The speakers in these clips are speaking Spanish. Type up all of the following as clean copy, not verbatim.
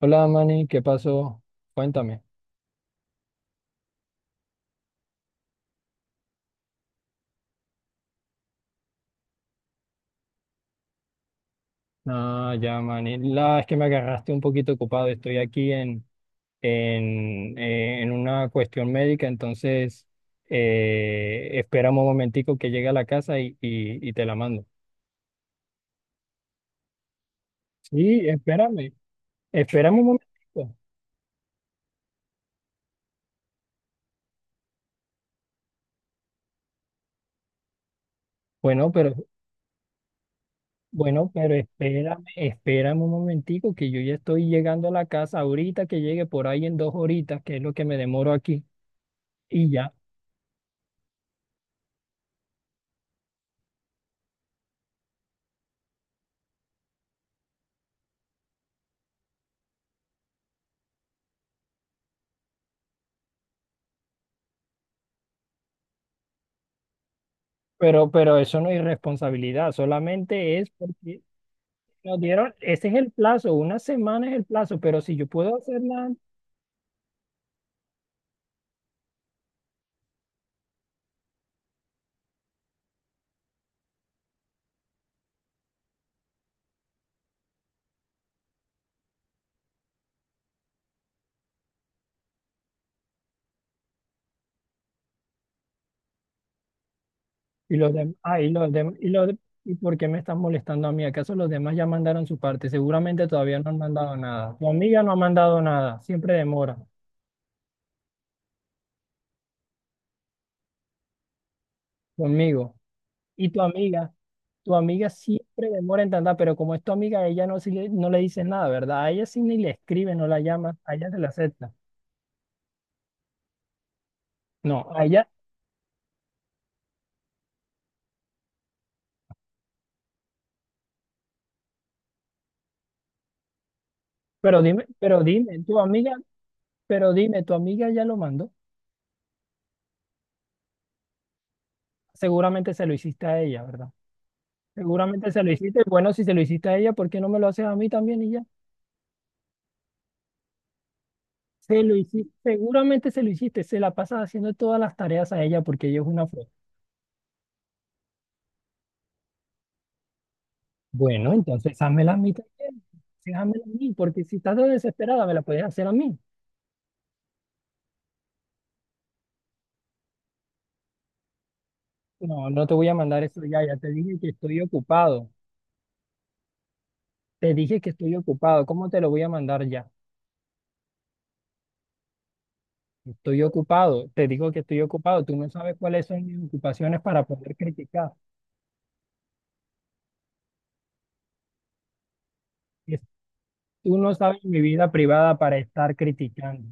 Hola Manny, ¿qué pasó? Cuéntame. No, ya Manny, la es que me agarraste un poquito ocupado. Estoy aquí en una cuestión médica, entonces espera un momentico que llegue a la casa y te la mando. Sí, espérame, espérame un momentico. Bueno, pero bueno, pero espérame, espérame un momentico que yo ya estoy llegando a la casa ahorita que llegue por ahí en 2 horitas, que es lo que me demoro aquí, y ya. Pero eso no es irresponsabilidad, solamente es porque nos dieron, ese es el plazo, una semana es el plazo, pero si yo puedo hacerla y los demás, y los dem- y los de- ¿y por qué me están molestando a mí? ¿Acaso los demás ya mandaron su parte? Seguramente todavía no han mandado nada. Tu amiga no ha mandado nada, siempre demora conmigo. Y tu amiga siempre demora en tanta, pero como es tu amiga, a ella no, no le dices nada, ¿verdad? A ella sí ni le escribe, no la llama, a ella se la acepta. No, a ella, pero dime, pero dime, tu amiga Pero dime, ¿tu amiga ya lo mandó? Seguramente se lo hiciste a ella, ¿verdad? Seguramente se lo hiciste. Bueno, si se lo hiciste a ella, ¿por qué no me lo haces a mí también y ya? Se lo hiciste, seguramente se lo hiciste. Se la pasas haciendo todas las tareas a ella porque ella es una flor. Bueno, entonces házmela a mí también. Sí, házmela a mí, porque si estás tan desesperada, me la puedes hacer a mí. No, no te voy a mandar eso ya. Ya te dije que estoy ocupado. Te dije que estoy ocupado. ¿Cómo te lo voy a mandar ya? Estoy ocupado. Te digo que estoy ocupado. Tú no sabes cuáles son mis ocupaciones para poder criticar. Tú no sabes mi vida privada para estar criticando.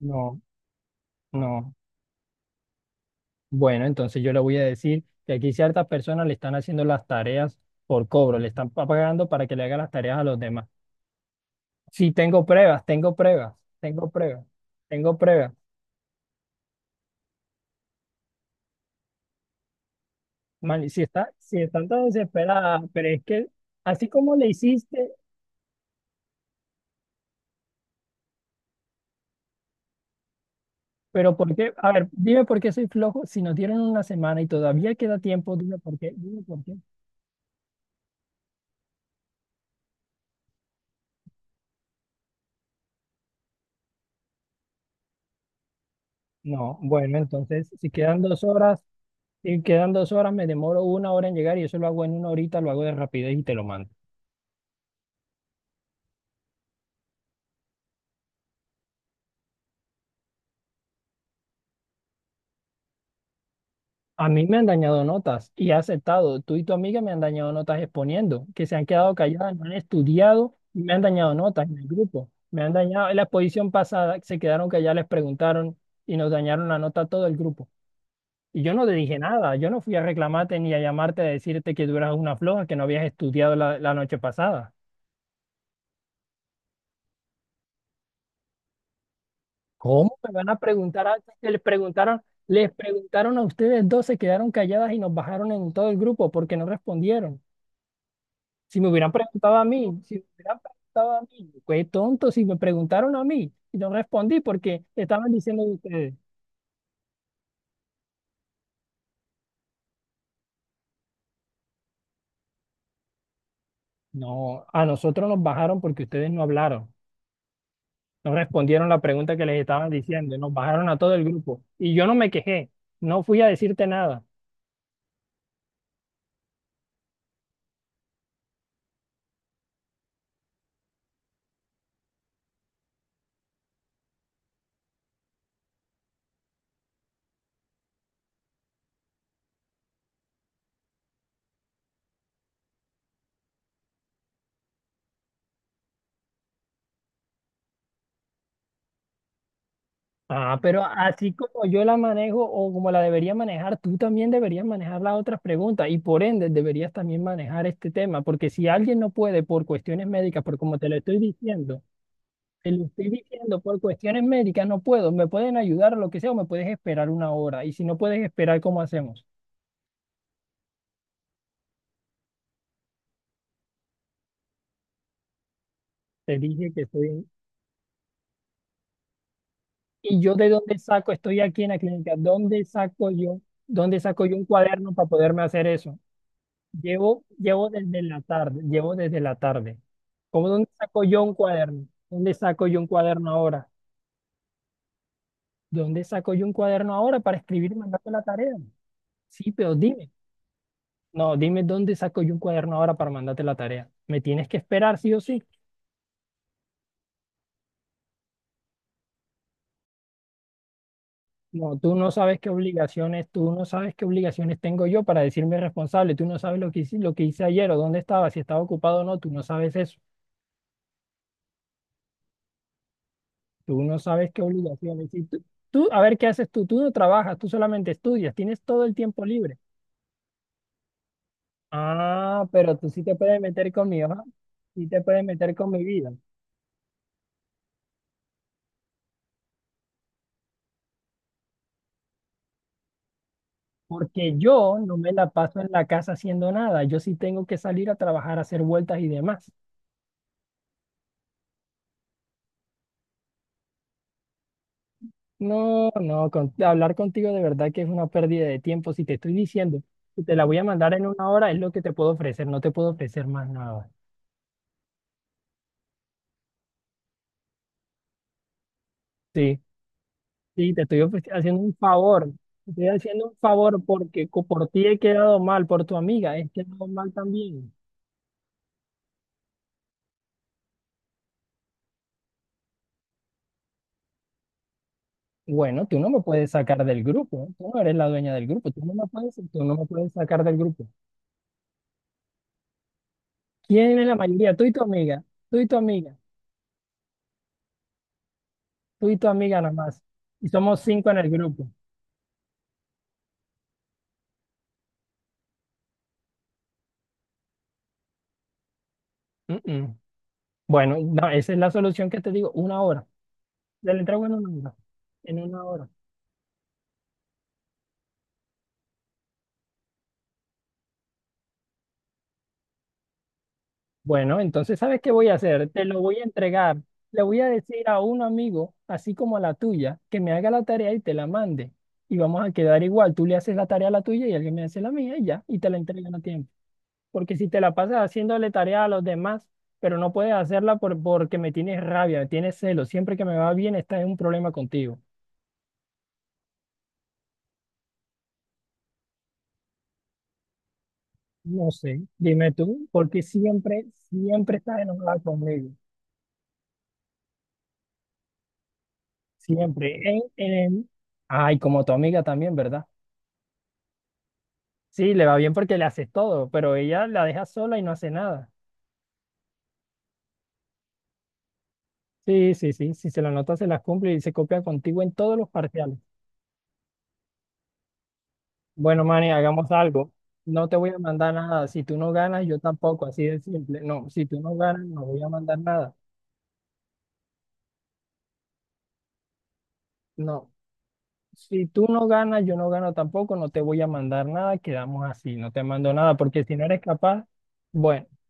No, no. Bueno, entonces yo le voy a decir que aquí ciertas personas le están haciendo las tareas por cobro, pagando para que le haga las tareas a los demás. Sí, tengo pruebas, tengo pruebas, tengo pruebas. Man, si están tan desesperada, pero es que así como le hiciste, pero ¿por qué? A ver, dime por qué soy flojo. Si nos dieron una semana y todavía queda tiempo, dime por qué, dime por qué. No, bueno, entonces si quedan dos horas. Si quedan dos horas, me demoro una hora en llegar y eso lo hago en una horita, lo hago de rapidez y te lo mando. A mí me han dañado notas y he aceptado. Tú y tu amiga me han dañado notas exponiendo, que se han quedado calladas, no han estudiado y me han dañado notas en el grupo. Me han dañado. En la exposición pasada se quedaron calladas, les preguntaron y nos dañaron la nota a todo el grupo. Y yo no te dije nada, yo no fui a reclamarte ni a llamarte a decirte que tú eras una floja, que no habías estudiado la noche pasada. ¿Cómo me van a preguntar a que les preguntaron a ustedes dos, se quedaron calladas y nos bajaron en todo el grupo porque no respondieron? Si me hubieran preguntado a mí, si me hubieran preguntado a mí, qué tonto, si me preguntaron a mí y no respondí porque estaban diciendo de ustedes. No, a nosotros nos bajaron porque ustedes no hablaron, no respondieron la pregunta que les estaban diciendo, nos bajaron a todo el grupo y yo no me quejé, no fui a decirte nada. Ah, pero así como yo la manejo o como la debería manejar, tú también deberías manejar las otras preguntas y por ende deberías también manejar este tema, porque si alguien no puede por cuestiones médicas, por como te lo estoy diciendo, te lo estoy diciendo por cuestiones médicas, no puedo, me pueden ayudar o lo que sea, o me puedes esperar una hora y si no puedes esperar, ¿cómo hacemos? Te dije que estoy... en- ¿Y yo de dónde saco? Estoy aquí en la clínica, ¿dónde saco yo? ¿Dónde saco yo un cuaderno para poderme hacer eso? Llevo desde la tarde, llevo desde la tarde. ¿Cómo dónde saco yo un cuaderno? ¿Dónde saco yo un cuaderno ahora? ¿Dónde saco yo un cuaderno ahora para escribir y mandarte la tarea? Sí, pero dime. No, dime dónde saco yo un cuaderno ahora para mandarte la tarea. ¿Me tienes que esperar sí o sí? No, tú no sabes qué obligaciones tengo yo para decirme responsable. Tú no sabes lo que hice ayer o dónde estaba, si estaba ocupado o no. Tú no sabes eso. Tú no sabes qué obligaciones. Y tú, a ver, ¿qué haces tú? Tú no trabajas, tú solamente estudias, tienes todo el tiempo libre. Ah, pero tú sí te puedes meter con mi hoja, sí te puedes meter con mi vida, porque yo no me la paso en la casa haciendo nada, yo sí tengo que salir a trabajar, a hacer vueltas y demás. No, no, con- hablar contigo de verdad que es una pérdida de tiempo. Si te estoy diciendo que te la voy a mandar en una hora, es lo que te puedo ofrecer, no te puedo ofrecer más nada. Sí, sí, haciendo un favor, te estoy haciendo un favor porque por ti he quedado mal, por tu amiga he quedado mal también. Bueno, tú no me puedes sacar del grupo. Tú no eres la dueña del grupo. Tú no me puedes sacar del grupo. ¿Quién es la mayoría? Tú y tu amiga. Tú y tu amiga. Tú y tu amiga nada más. Y somos 5 en el grupo. Mm, mm. Bueno, no, esa es la solución que te digo. Una hora. Te la entrego en una hora. En una hora. Bueno, entonces, ¿sabes qué voy a hacer? Te lo voy a entregar. Le voy a decir a un amigo, así como a la tuya, que me haga la tarea y te la mande. Y vamos a quedar igual. Tú le haces la tarea a la tuya y alguien me hace la mía y ya. Y te la entregan a tiempo. Porque si te la pasas haciéndole tarea a los demás, pero no puedes hacerla por, porque me tienes rabia, me tienes celo, siempre que me va bien estás en un problema contigo. No sé, dime tú, porque siempre, siempre estás enojada conmigo. Siempre. Ay, como tu amiga también, ¿verdad? Sí, le va bien porque le haces todo, pero ella la deja sola y no hace nada. Sí, sí, sí, si se la nota se las cumple y se copia contigo en todos los parciales. Bueno, Manny, hagamos algo. No te voy a mandar nada. Si tú no ganas, yo tampoco. Así de simple. No, si tú no ganas, no voy a mandar nada. No. Si tú no ganas, yo no gano tampoco. No te voy a mandar nada. Quedamos así. No te mando nada. Porque si no eres capaz, bueno.